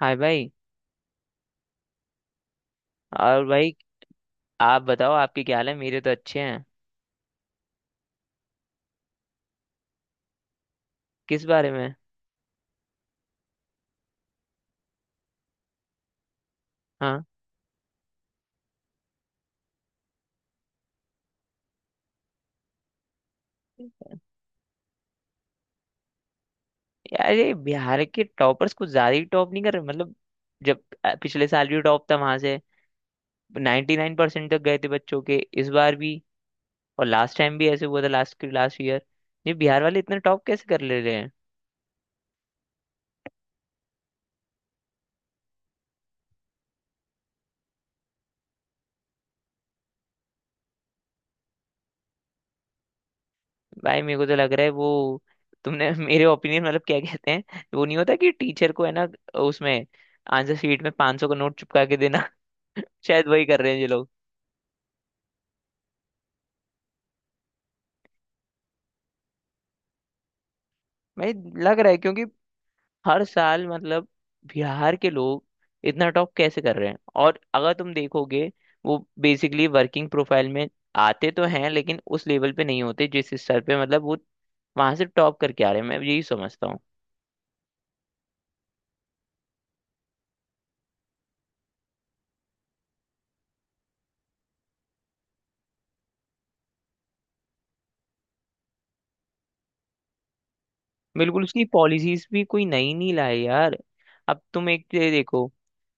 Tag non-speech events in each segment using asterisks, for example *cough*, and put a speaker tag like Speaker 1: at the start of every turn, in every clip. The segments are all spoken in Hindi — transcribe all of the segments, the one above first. Speaker 1: हाय भाई। और भाई आप बताओ, आपके क्या हाल है? मेरे तो अच्छे हैं। किस बारे में? हाँ। यार, ये बिहार के टॉपर्स कुछ ज्यादा ही टॉप नहीं कर रहे, मतलब जब पिछले साल भी टॉप था वहां से। 99% नाइन परसेंट तक गए थे बच्चों के, इस बार भी। और लास्ट टाइम भी ऐसे हुआ था, लास्ट लास्ट ईयर। ये बिहार वाले इतना टॉप कैसे कर ले रहे हैं? भाई, मेरे को तो लग रहा है वो तुमने *laughs* मेरे ओपिनियन, मतलब क्या कहते हैं वो, नहीं होता कि टीचर को, है ना, उसमें आंसर शीट में 500 का नोट चिपका के देना। *laughs* शायद वही कर रहे हैं ये। भाई, लग रहा है क्योंकि हर साल, मतलब बिहार के लोग इतना टॉप कैसे कर रहे हैं? और अगर तुम देखोगे, वो बेसिकली वर्किंग प्रोफाइल में आते तो हैं, लेकिन उस लेवल पे नहीं होते जिस स्तर पे, मतलब वो वहां से टॉप करके आ रहे हैं। मैं यही समझता हूँ। बिल्कुल, उसकी पॉलिसीज भी कोई नई नहीं लाए यार। अब तुम एक ये देखो,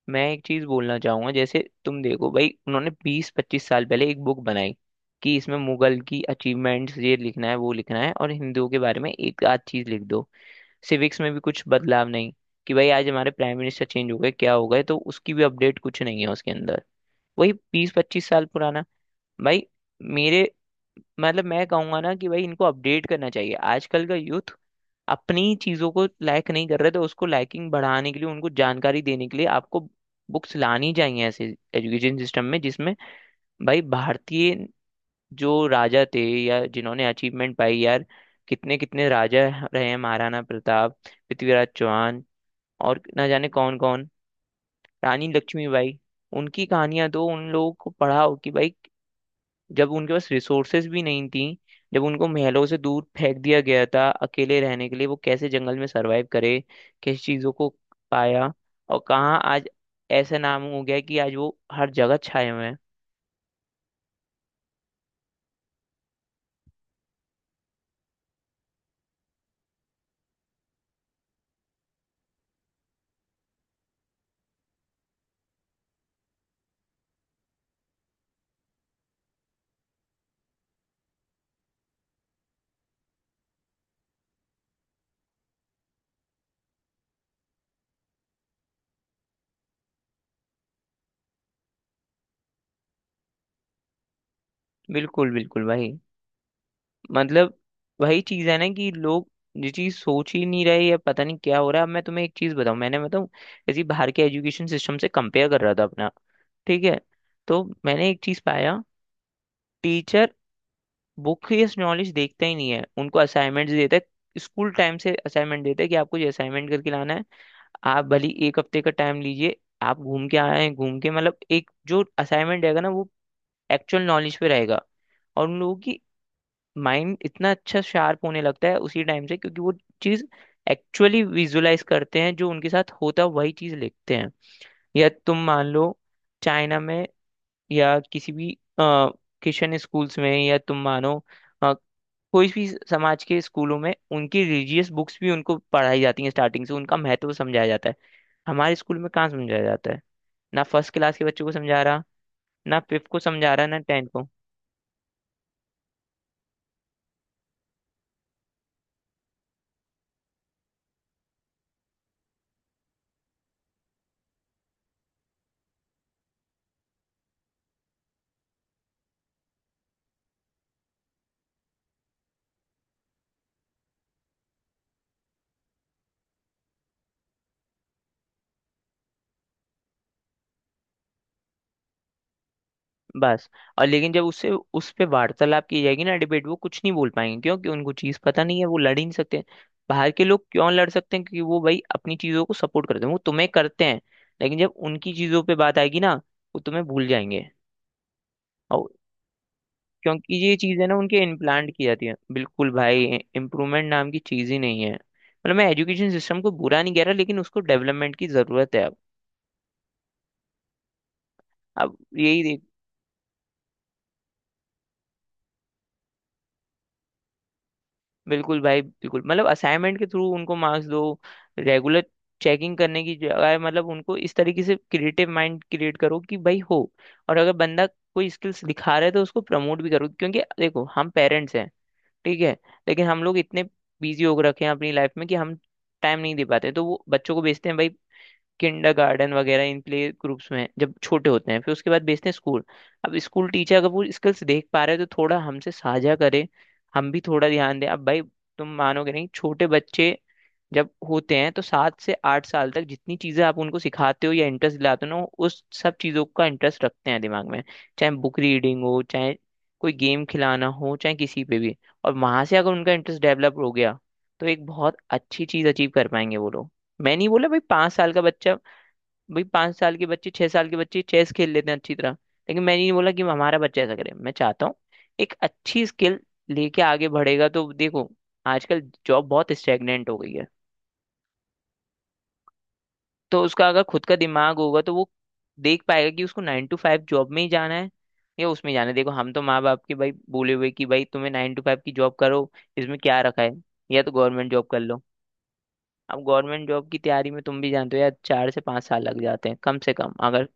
Speaker 1: मैं एक चीज बोलना चाहूंगा। जैसे तुम देखो भाई, उन्होंने 20-25 साल पहले एक बुक बनाई कि इसमें मुगल की अचीवमेंट्स ये लिखना है वो लिखना है, और हिंदुओं के बारे में एक आध चीज लिख दो। सिविक्स में भी कुछ बदलाव नहीं, कि भाई आज हमारे प्राइम मिनिस्टर चेंज हो गए क्या हो गए, तो उसकी भी अपडेट कुछ नहीं है उसके अंदर। वही 20-25 साल पुराना। भाई मेरे, मतलब मैं कहूंगा ना कि भाई इनको अपडेट करना चाहिए। आजकल का यूथ अपनी चीजों को लायक नहीं कर रहे, तो उसको लाइकिंग बढ़ाने के लिए, उनको जानकारी देने के लिए आपको बुक्स लानी चाहिए ऐसे एजुकेशन सिस्टम में, जिसमें भाई भारतीय जो राजा थे या जिन्होंने अचीवमेंट पाई यार, कितने कितने राजा रहे हैं — महाराणा प्रताप, पृथ्वीराज चौहान, और ना जाने कौन कौन, रानी लक्ष्मीबाई। उनकी कहानियां दो, उन लोगों को पढ़ाओ कि भाई जब उनके पास रिसोर्सेज भी नहीं थी, जब उनको महलों से दूर फेंक दिया गया था अकेले रहने के लिए, वो कैसे जंगल में सरवाइव करे, किस चीज़ों को पाया, और कहाँ आज ऐसा नाम हो गया कि आज वो हर जगह छाए हुए हैं। बिल्कुल बिल्कुल भाई, मतलब वही चीज़ है ना कि लोग ये चीज़ सोच ही नहीं रहे, या पता नहीं क्या हो रहा है। अब मैं तुम्हें एक चीज़ बताऊँ, मैंने बताऊँ इसी बाहर के एजुकेशन सिस्टम से कंपेयर कर रहा था अपना। ठीक है? तो मैंने एक चीज़ पाया — टीचर वो केस नॉलेज देखता ही नहीं है, उनको असाइनमेंट देता है। स्कूल टाइम से असाइनमेंट देता है कि आपको ये असाइनमेंट करके लाना है, आप भली एक हफ्ते का टाइम लीजिए, आप घूम के आए हैं घूम के, मतलब एक जो असाइनमेंट रहेगा ना, वो एक्चुअल नॉलेज पे रहेगा। और उन लोगों की माइंड इतना अच्छा शार्प होने लगता है उसी टाइम से, क्योंकि वो चीज़ एक्चुअली विजुलाइज करते हैं जो उनके साथ होता है, वही चीज़ लिखते हैं। या तुम मान लो चाइना में या किसी भी क्रिश्चियन स्कूल्स में, या तुम मानो कोई भी समाज के स्कूलों में, उनकी रिलीजियस बुक्स भी उनको पढ़ाई जाती हैं स्टार्टिंग से, उनका महत्व समझाया जाता है। हमारे स्कूल में कहाँ समझाया जाता है? ना फर्स्ट क्लास के बच्चों को समझा रहा, ना फिफ्थ को समझा रहा, ना टेंथ को। बस। और लेकिन जब उससे उस पे वार्तालाप की जाएगी ना, डिबेट, वो कुछ नहीं बोल पाएंगे क्योंकि उनको चीज़ पता नहीं है, वो लड़ ही नहीं सकते। बाहर के लोग क्यों लड़ सकते हैं? क्योंकि वो भाई अपनी चीज़ों को सपोर्ट करते हैं, वो तुम्हें करते हैं। लेकिन जब उनकी चीज़ों पे बात आएगी ना, वो तुम्हें भूल जाएंगे। क्योंकि ये चीज़ें ना उनके इम्प्लांट की जाती है, बिल्कुल भाई। इम्प्रूवमेंट नाम की चीज़ ही नहीं है, मतलब मैं एजुकेशन सिस्टम को बुरा नहीं कह रहा, लेकिन उसको डेवलपमेंट की ज़रूरत है अब। अब यही देख, बिल्कुल भाई बिल्कुल, मतलब असाइनमेंट के थ्रू उनको मार्क्स दो, रेगुलर चेकिंग करने की जगह। मतलब उनको इस तरीके से क्रिएटिव माइंड क्रिएट करो कि भाई हो। और अगर बंदा कोई स्किल्स दिखा रहा है तो उसको प्रमोट भी करो, क्योंकि देखो हम पेरेंट्स हैं, ठीक है, लेकिन हम लोग इतने बिजी हो रखे हैं अपनी लाइफ में कि हम टाइम नहीं दे पाते, तो वो बच्चों को भेजते हैं भाई किंडरगार्टन वगैरह इन प्ले ग्रुप्स में, हैं, जब छोटे होते हैं, फिर उसके बाद भेजते हैं स्कूल। अब स्कूल टीचर अगर वो स्किल्स देख पा रहे हैं तो थोड़ा हमसे साझा करे, हम भी थोड़ा ध्यान दें अब भाई। तुम मानोगे नहीं, छोटे बच्चे जब होते हैं तो 7 से 8 साल तक जितनी चीजें आप उनको सिखाते हो या इंटरेस्ट दिलाते हो ना, वो उस सब चीजों का इंटरेस्ट रखते हैं दिमाग में। चाहे बुक रीडिंग हो, चाहे कोई गेम खिलाना हो, चाहे किसी पे भी। और वहां से अगर उनका इंटरेस्ट डेवलप हो गया तो एक बहुत अच्छी चीज अचीव कर पाएंगे वो लोग। मैं नहीं बोला भाई 5 साल का बच्चा, भाई 5 साल की बच्ची, 6 साल की बच्ची चेस खेल लेते हैं अच्छी तरह। लेकिन मैंने नहीं बोला कि हमारा बच्चा ऐसा करे, मैं चाहता हूँ एक अच्छी स्किल लेके आगे बढ़ेगा तो देखो, आजकल जॉब बहुत स्टेगनेंट हो गई है। तो उसका अगर खुद का दिमाग होगा तो वो देख पाएगा कि उसको 9 to 5 जॉब में ही जाना है या उसमें जाना है। देखो, हम तो माँ बाप के भाई बोले हुए कि भाई तुम्हें 9 to 5 की जॉब करो, इसमें क्या रखा है, या तो गवर्नमेंट जॉब कर लो। अब गवर्नमेंट जॉब की तैयारी में तुम भी जानते हो यार, 4 से 5 साल लग जाते हैं कम से कम, अगर।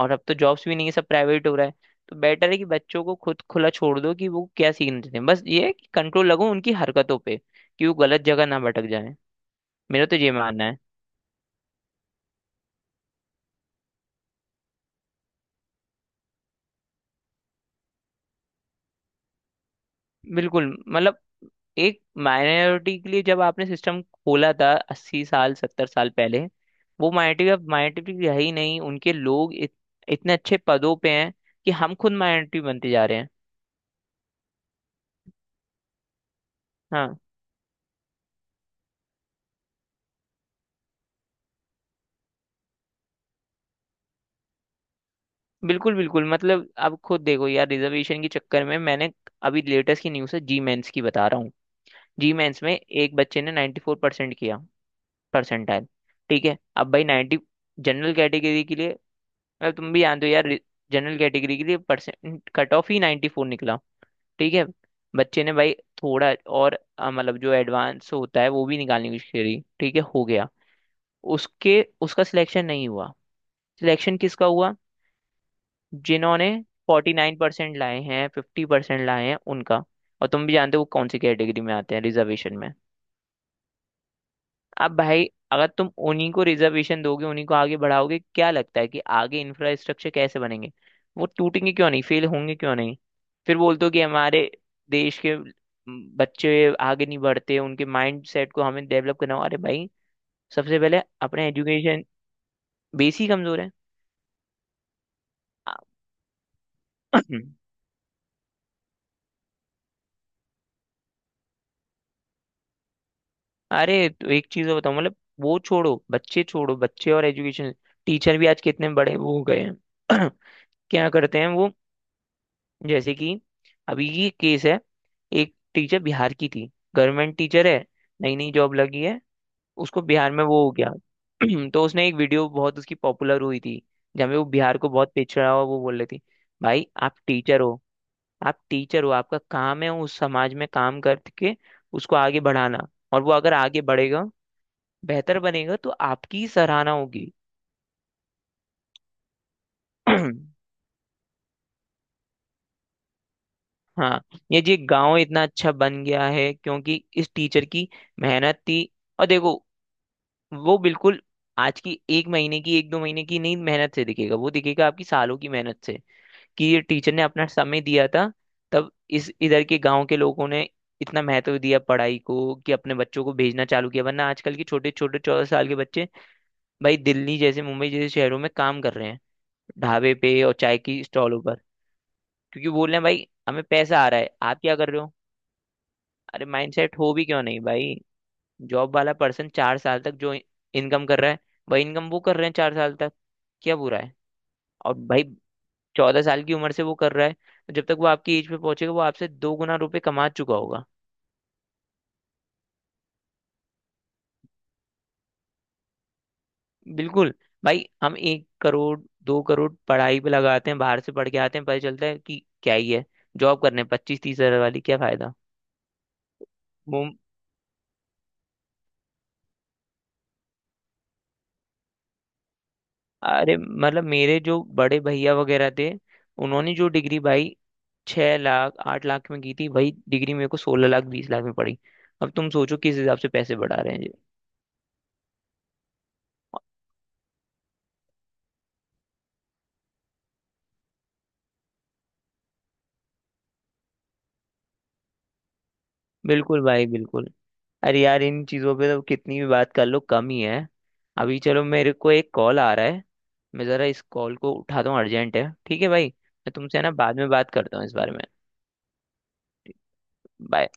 Speaker 1: और अब तो जॉब्स भी नहीं है, सब प्राइवेट हो रहा है। तो बेटर है कि बच्चों को खुद खुला छोड़ दो कि वो क्या सीखना चाहते हैं। बस ये है कि कंट्रोल लगो उनकी हरकतों पे, कि वो गलत जगह ना भटक जाए। मेरा तो ये मानना है। बिल्कुल, मतलब एक माइनॉरिटी के लिए जब आपने सिस्टम खोला था 80 साल 70 साल पहले, वो माइनॉरिटी अब माइनॉरिटी रही नहीं, उनके लोग इतने अच्छे पदों पे हैं कि हम खुद माइनॉरिटी बनते जा रहे हैं। हाँ, बिल्कुल बिल्कुल। मतलब आप खुद देखो यार, रिजर्वेशन के चक्कर में। मैंने अभी लेटेस्ट की न्यूज़ है, जी मेंस की बता रहा हूँ। जी मेंस में एक बच्चे ने 94% किया, परसेंटाइल। ठीक है? अब भाई 90 जनरल कैटेगरी के लिए, मतलब तुम भी जानते हो यार, जनरल कैटेगरी के लिए परसेंट कट ऑफ ही 94 निकला। ठीक है? बच्चे ने भाई थोड़ा और मतलब जो एडवांस होता है वो भी निकालने की कोशिश करी, ठीक है, हो गया। उसके, उसका सिलेक्शन नहीं हुआ। सिलेक्शन किसका हुआ? जिन्होंने 49% लाए हैं, 50% लाए हैं उनका। और तुम भी जानते हो वो कौन सी कैटेगरी में आते हैं रिजर्वेशन में। अब भाई, अगर तुम उन्हीं को रिजर्वेशन दोगे, उन्हीं को आगे बढ़ाओगे, क्या लगता है कि आगे इंफ्रास्ट्रक्चर कैसे बनेंगे? वो टूटेंगे क्यों नहीं? फेल होंगे क्यों नहीं? फिर बोलते हो कि हमारे देश के बच्चे आगे नहीं बढ़ते, उनके माइंड सेट को हमें डेवलप करना हो। अरे भाई, सबसे पहले अपने एजुकेशन बेस ही कमजोर है। *clears throat* अरे, तो एक चीज और बताऊं, मतलब वो छोड़ो बच्चे, छोड़ो बच्चे और एजुकेशन, टीचर भी आज कितने बड़े वो हो गए हैं। *clears throat* क्या करते हैं वो? जैसे कि अभी ये केस है, एक टीचर बिहार की थी, गवर्नमेंट टीचर है, नई नई जॉब लगी है, उसको बिहार में वो हो गया। *clears throat* तो उसने एक वीडियो, बहुत उसकी पॉपुलर हुई थी, जहाँ पे वो बिहार को बहुत पिछड़ा हुआ वो बोल रही थी। भाई आप टीचर हो, आप टीचर हो, आपका काम है उस समाज में काम करके उसको आगे बढ़ाना। और वो अगर आगे बढ़ेगा, बेहतर बनेगा, तो आपकी ही सराहना होगी। *clears throat* हाँ, ये जी गांव इतना अच्छा बन गया है क्योंकि इस टीचर की मेहनत थी। और देखो, वो बिल्कुल आज की एक महीने की, एक दो महीने की नहीं मेहनत से दिखेगा, वो दिखेगा आपकी सालों की मेहनत से कि ये टीचर ने अपना समय दिया था। तब इस इधर के गांव के लोगों ने इतना महत्व दिया पढ़ाई को कि अपने बच्चों को भेजना चालू किया। वरना आजकल के छोटे छोटे 14 साल के बच्चे भाई दिल्ली जैसे, मुंबई जैसे शहरों में काम कर रहे हैं, ढाबे पे और चाय की स्टॉलों पर, क्योंकि बोल रहे हैं भाई हमें पैसा आ रहा है, आप क्या कर रहे हो? अरे माइंडसेट हो भी क्यों नहीं भाई? जॉब वाला पर्सन 4 साल तक जो इनकम कर रहा है, वही इनकम वो कर रहे हैं 4 साल तक। क्या बुरा है? और भाई 14 साल की उम्र से वो कर रहा है, तो जब तक वो आपकी एज पे पहुंचेगा, वो आपसे 2 गुना रुपए कमा चुका होगा। बिल्कुल भाई, हम 1 करोड़, 2 करोड़ पढ़ाई पे लगाते हैं, बाहर से पढ़ के आते हैं, पता चलता है कि क्या ही है जॉब करने, 25-30 हजार वाली, क्या फायदा? अरे मतलब मेरे जो बड़े भैया वगैरह थे, उन्होंने जो डिग्री भाई 6 लाख 8 लाख में की थी, वही डिग्री मेरे को 16 लाख 20 लाख में पड़ी। अब तुम सोचो किस हिसाब से पैसे बढ़ा रहे हैं जी। बिल्कुल भाई बिल्कुल। अरे यार, इन चीज़ों पे तो कितनी भी बात कर लो कम ही है। अभी चलो, मेरे को एक कॉल आ रहा है, मैं ज़रा इस कॉल को उठाता हूँ, अर्जेंट है। ठीक है भाई, मैं तुमसे, है ना, बाद में बात करता हूँ इस बारे में। बाय।